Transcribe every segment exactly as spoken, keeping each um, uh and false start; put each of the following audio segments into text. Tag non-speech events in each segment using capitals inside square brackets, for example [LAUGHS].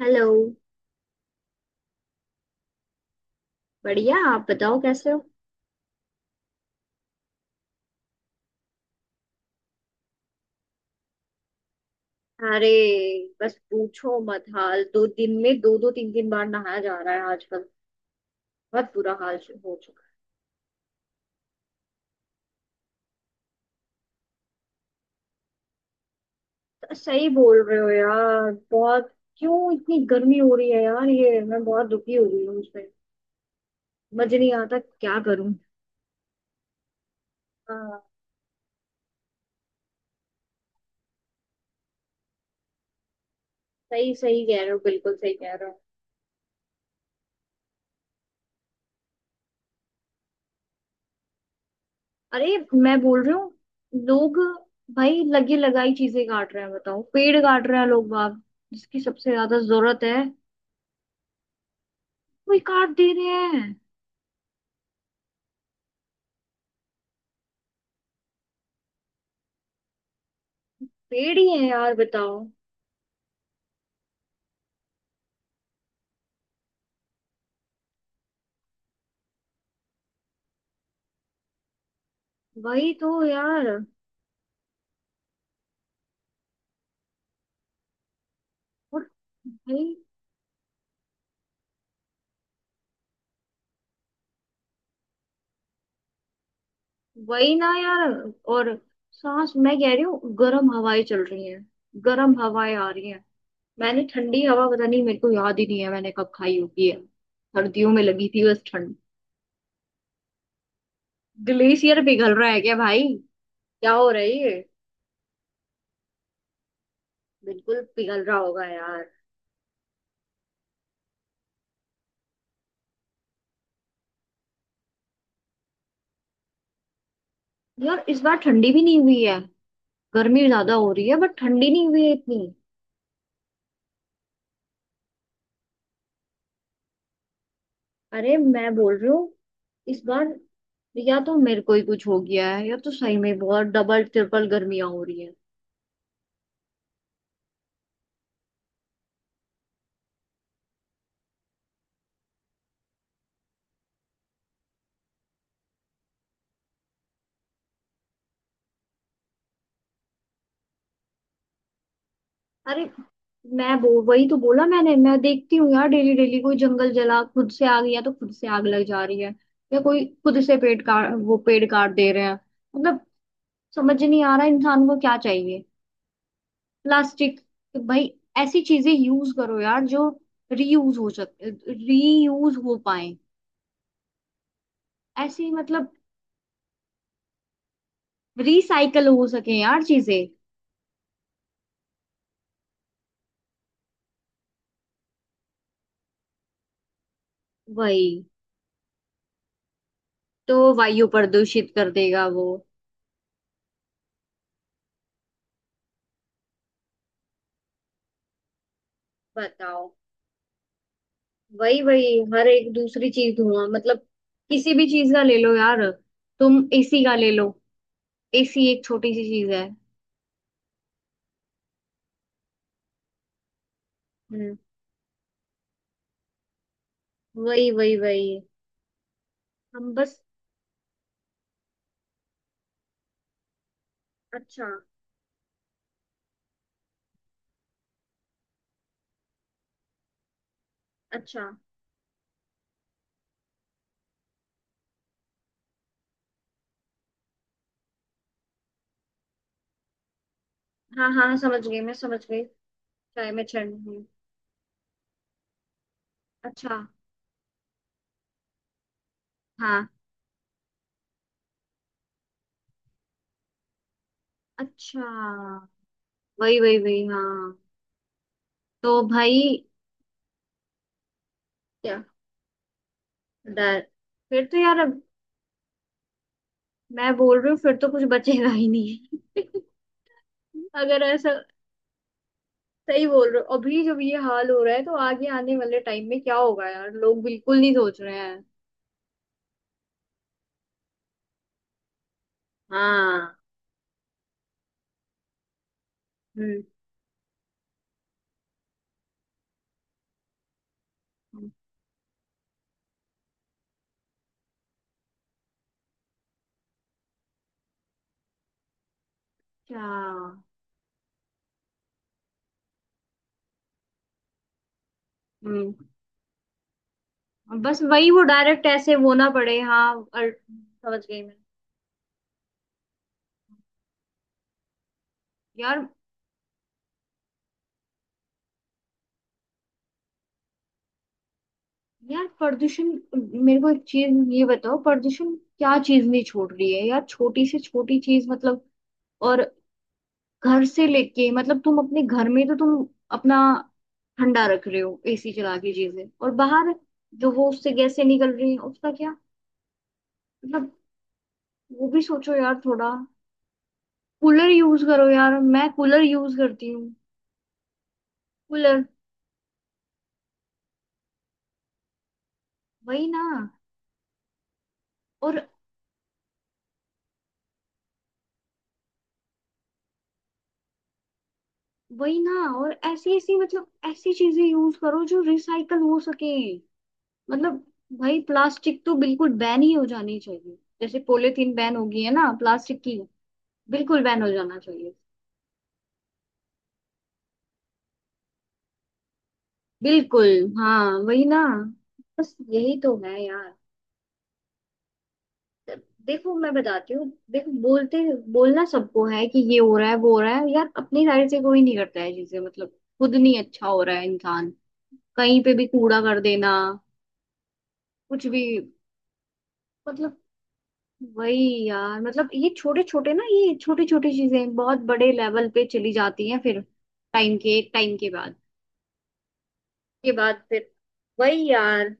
Hello. बढ़िया आप बताओ कैसे हो। अरे बस पूछो मत हाल दो दिन में दो दो तीन तीन बार नहाया जा रहा है आजकल। बहुत बुरा हाल हो चुका है। तो सही बोल रहे हो यार बहुत। क्यों इतनी गर्मी हो रही है यार ये मैं बहुत दुखी हो रही हूँ उसमें। मज नहीं आता क्या करूँ। हाँ। सही सही कह रहे हो बिल्कुल सही कह रहे हो। अरे मैं बोल रही हूँ। लोग भाई लगे लगाई चीजें काट रहे हैं बताओ पेड़ काट रहे हैं लोग बाग। जिसकी सबसे ज्यादा जरूरत है वही काट दे रहे हैं। पेड़ ही है यार बताओ। वही तो यार। और भाई। वही ना यार। और सांस मैं कह रही हूँ गर्म हवाएं चल रही हैं। गर्म हवाएं आ रही हैं। मैंने ठंडी हवा पता नहीं मेरे को याद ही नहीं है मैंने कब खाई होगी है। सर्दियों में लगी थी बस ठंड। ग्लेशियर पिघल रहा है क्या भाई। क्या हो रहा है ये। बिल्कुल पिघल रहा होगा यार। यार इस बार ठंडी भी नहीं हुई है। गर्मी ज्यादा हो रही है बट ठंडी नहीं हुई है इतनी। अरे मैं बोल रही हूँ इस बार या तो मेरे को ही कुछ हो गया है या तो सही में बहुत डबल ट्रिपल गर्मियां हो रही है। अरे। मैं वो वही तो बोला मैंने मैं देखती हूँ यार डेली डेली कोई जंगल जला खुद से आग या तो खुद से आग लग जा रही है। या कोई खुद से पेड़ काट वो पेड़ काट दे रहे हैं। मतलब। समझ नहीं आ रहा इंसान को क्या चाहिए। प्लास्टिक भाई। ऐसी चीजें यूज करो यार जो रीयूज हो सके रीयूज हो पाए। ऐसी मतलब। रिसाइकल हो सके यार चीजें। वही तो वायु प्रदूषित कर देगा वो। बताओ। वही वही हर एक दूसरी चीज धुआं मतलब। किसी भी चीज का ले लो यार। तुम एसी का ले लो। एसी एक छोटी सी चीज है। हम्म। वही वही वही। हम बस। अच्छा। अच्छा। हाँ हाँ समझ गई मैं समझ गई। चाय में छंड हूँ। अच्छा। हाँ। अच्छा। वही वही वही हाँ। तो भाई। क्या। डर। फिर तो यार अब मैं बोल रही हूँ फिर तो कुछ बचेगा ही नहीं। [LAUGHS] अगर ऐसा। सही बोल रहे हो अभी जब ये हाल हो रहा है तो आगे आने वाले टाइम में क्या होगा यार लोग बिल्कुल नहीं सोच रहे हैं। हाँ। हम्म। अच्छा। हम्म। बस वही वो डायरेक्ट ऐसे वो ना पड़े हाँ और समझ गई मैं। यार। यार प्रदूषण। मेरे को एक चीज ये बताओ प्रदूषण क्या चीज नहीं छोड़ रही है यार छोटी से छोटी चीज मतलब। और। घर से लेके मतलब तुम अपने घर में तो तुम अपना ठंडा रख रहे हो एसी चला के चीजें और बाहर जो वो उससे गैसें निकल रही हैं उसका क्या। मतलब। वो भी सोचो यार थोड़ा। कूलर यूज करो यार मैं कूलर यूज करती हूँ। कूलर। वही ना। और। वही ना। और ऐसी ऐसी मतलब ऐसी चीजें यूज करो जो रिसाइकल हो सके। मतलब। भाई प्लास्टिक तो बिल्कुल बैन ही हो जानी चाहिए जैसे पॉलीथीन बैन हो गई है ना प्लास्टिक की। बिल्कुल बैन हो जाना चाहिए। बिल्कुल। हाँ वही ना। बस यही तो है यार। देखो मैं बताती हूँ देखो बोलते बोलना सबको है कि ये हो रहा है वो हो रहा है यार अपनी साइड से कोई नहीं करता है चीजें मतलब। खुद नहीं अच्छा हो रहा है इंसान। कहीं पे भी कूड़ा कर देना। कुछ भी मतलब। वही यार मतलब ये छोटे छोटे ना ये छोटी छोटी चीजें बहुत बड़े लेवल पे चली जाती हैं फिर। टाइम के टाइम के बाद के बाद फिर। वही यार।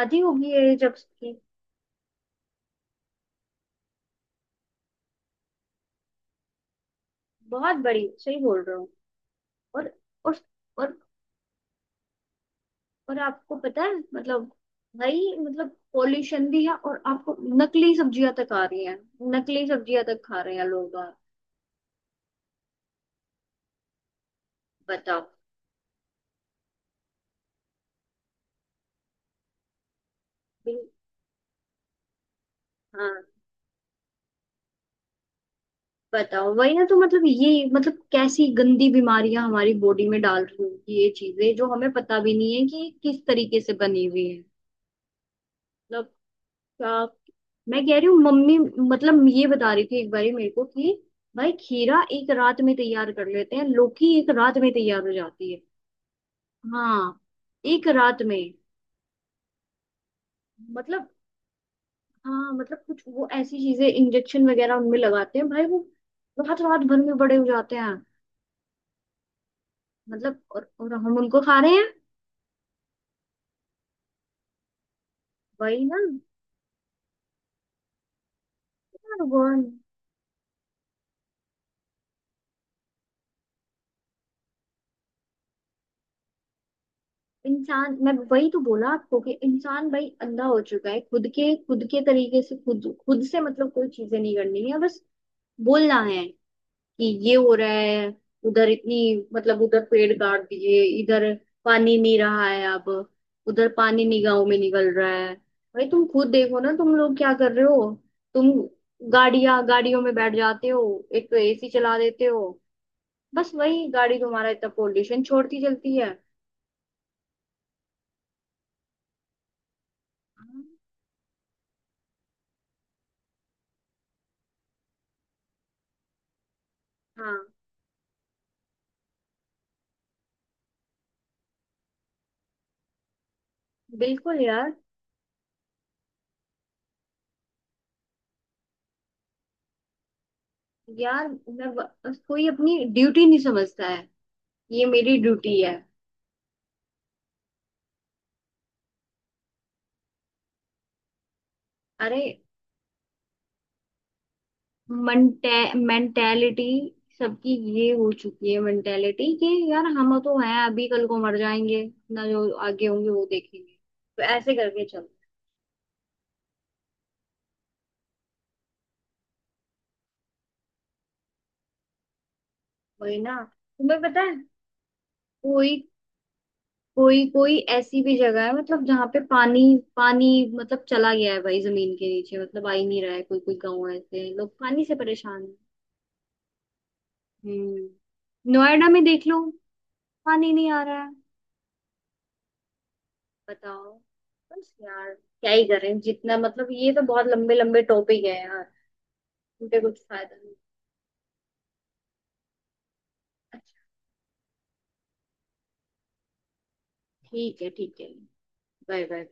आधी होगी ये जब की। बहुत बड़ी सही बोल रहे हो। और। और। और। और। आपको पता है मतलब। भाई मतलब पॉल्यूशन भी है और आपको। नकली सब्जियां तक आ रही हैं। नकली सब्जियां तक खा रहे हैं लोग आप। बताओ। बिल- हाँ। बताओ। वही ना तो मतलब ये मतलब कैसी गंदी बीमारियां हमारी बॉडी में डाल रही होगी ये चीजें जो हमें पता भी नहीं है कि किस तरीके से बनी हुई है। मतलब। क्या। मैं कह रही हूँ मम्मी मतलब ये बता रही थी एक बारी मेरे को कि भाई खीरा एक रात में तैयार कर लेते हैं लौकी एक रात में तैयार हो जाती है। हाँ। एक रात में। मतलब। हाँ मतलब कुछ वो ऐसी चीजें इंजेक्शन वगैरह उनमें लगाते हैं भाई वो रात रात भर में बड़े हो जाते हैं। मतलब और, और हम उनको खा रहे हैं। वही ना यार। भगवान। इंसान मैं वही तो बोला आपको कि इंसान भाई अंधा हो चुका है खुद के खुद के तरीके से खुद खुद से मतलब कोई चीजें नहीं करनी है बस। बोलना है। कि ये हो रहा है। उधर इतनी। मतलब उधर पेड़ काट दिए इधर। पानी नहीं रहा है अब। उधर पानी नहीं गाँव में निकल रहा है। भाई तुम खुद देखो ना तुम लोग क्या कर रहे हो। तुम। गाड़ियां गाड़ियों में बैठ जाते हो। एक तो एसी चला देते हो। बस वही गाड़ी तुम्हारा इतना पोल्यूशन छोड़ती चलती है। हाँ। बिल्कुल यार। यार मैं कोई अपनी ड्यूटी नहीं समझता है ये मेरी ड्यूटी है। अरे। मेंटेलिटी सबकी ये हो चुकी है मेंटेलिटी कि यार हम तो हैं अभी कल को मर जाएंगे ना जो आगे होंगे वो देखेंगे तो ऐसे करके चलो। वही ना। तुम्हें पता है कोई। कोई कोई ऐसी भी जगह है मतलब जहाँ पे पानी। पानी। मतलब चला गया है भाई जमीन के नीचे मतलब आ ही नहीं रहा है कोई कोई गाँव ऐसे हैं, लोग पानी से परेशान है। हम्म। नोएडा में देख लो। पानी नहीं आ रहा है। बताओ। बस यार क्या ही करें जितना मतलब ये तो बहुत लंबे लंबे टॉपिक है यार। उनके कुछ फायदा नहीं। अच्छा। ठीक है ठीक है। Bye bye.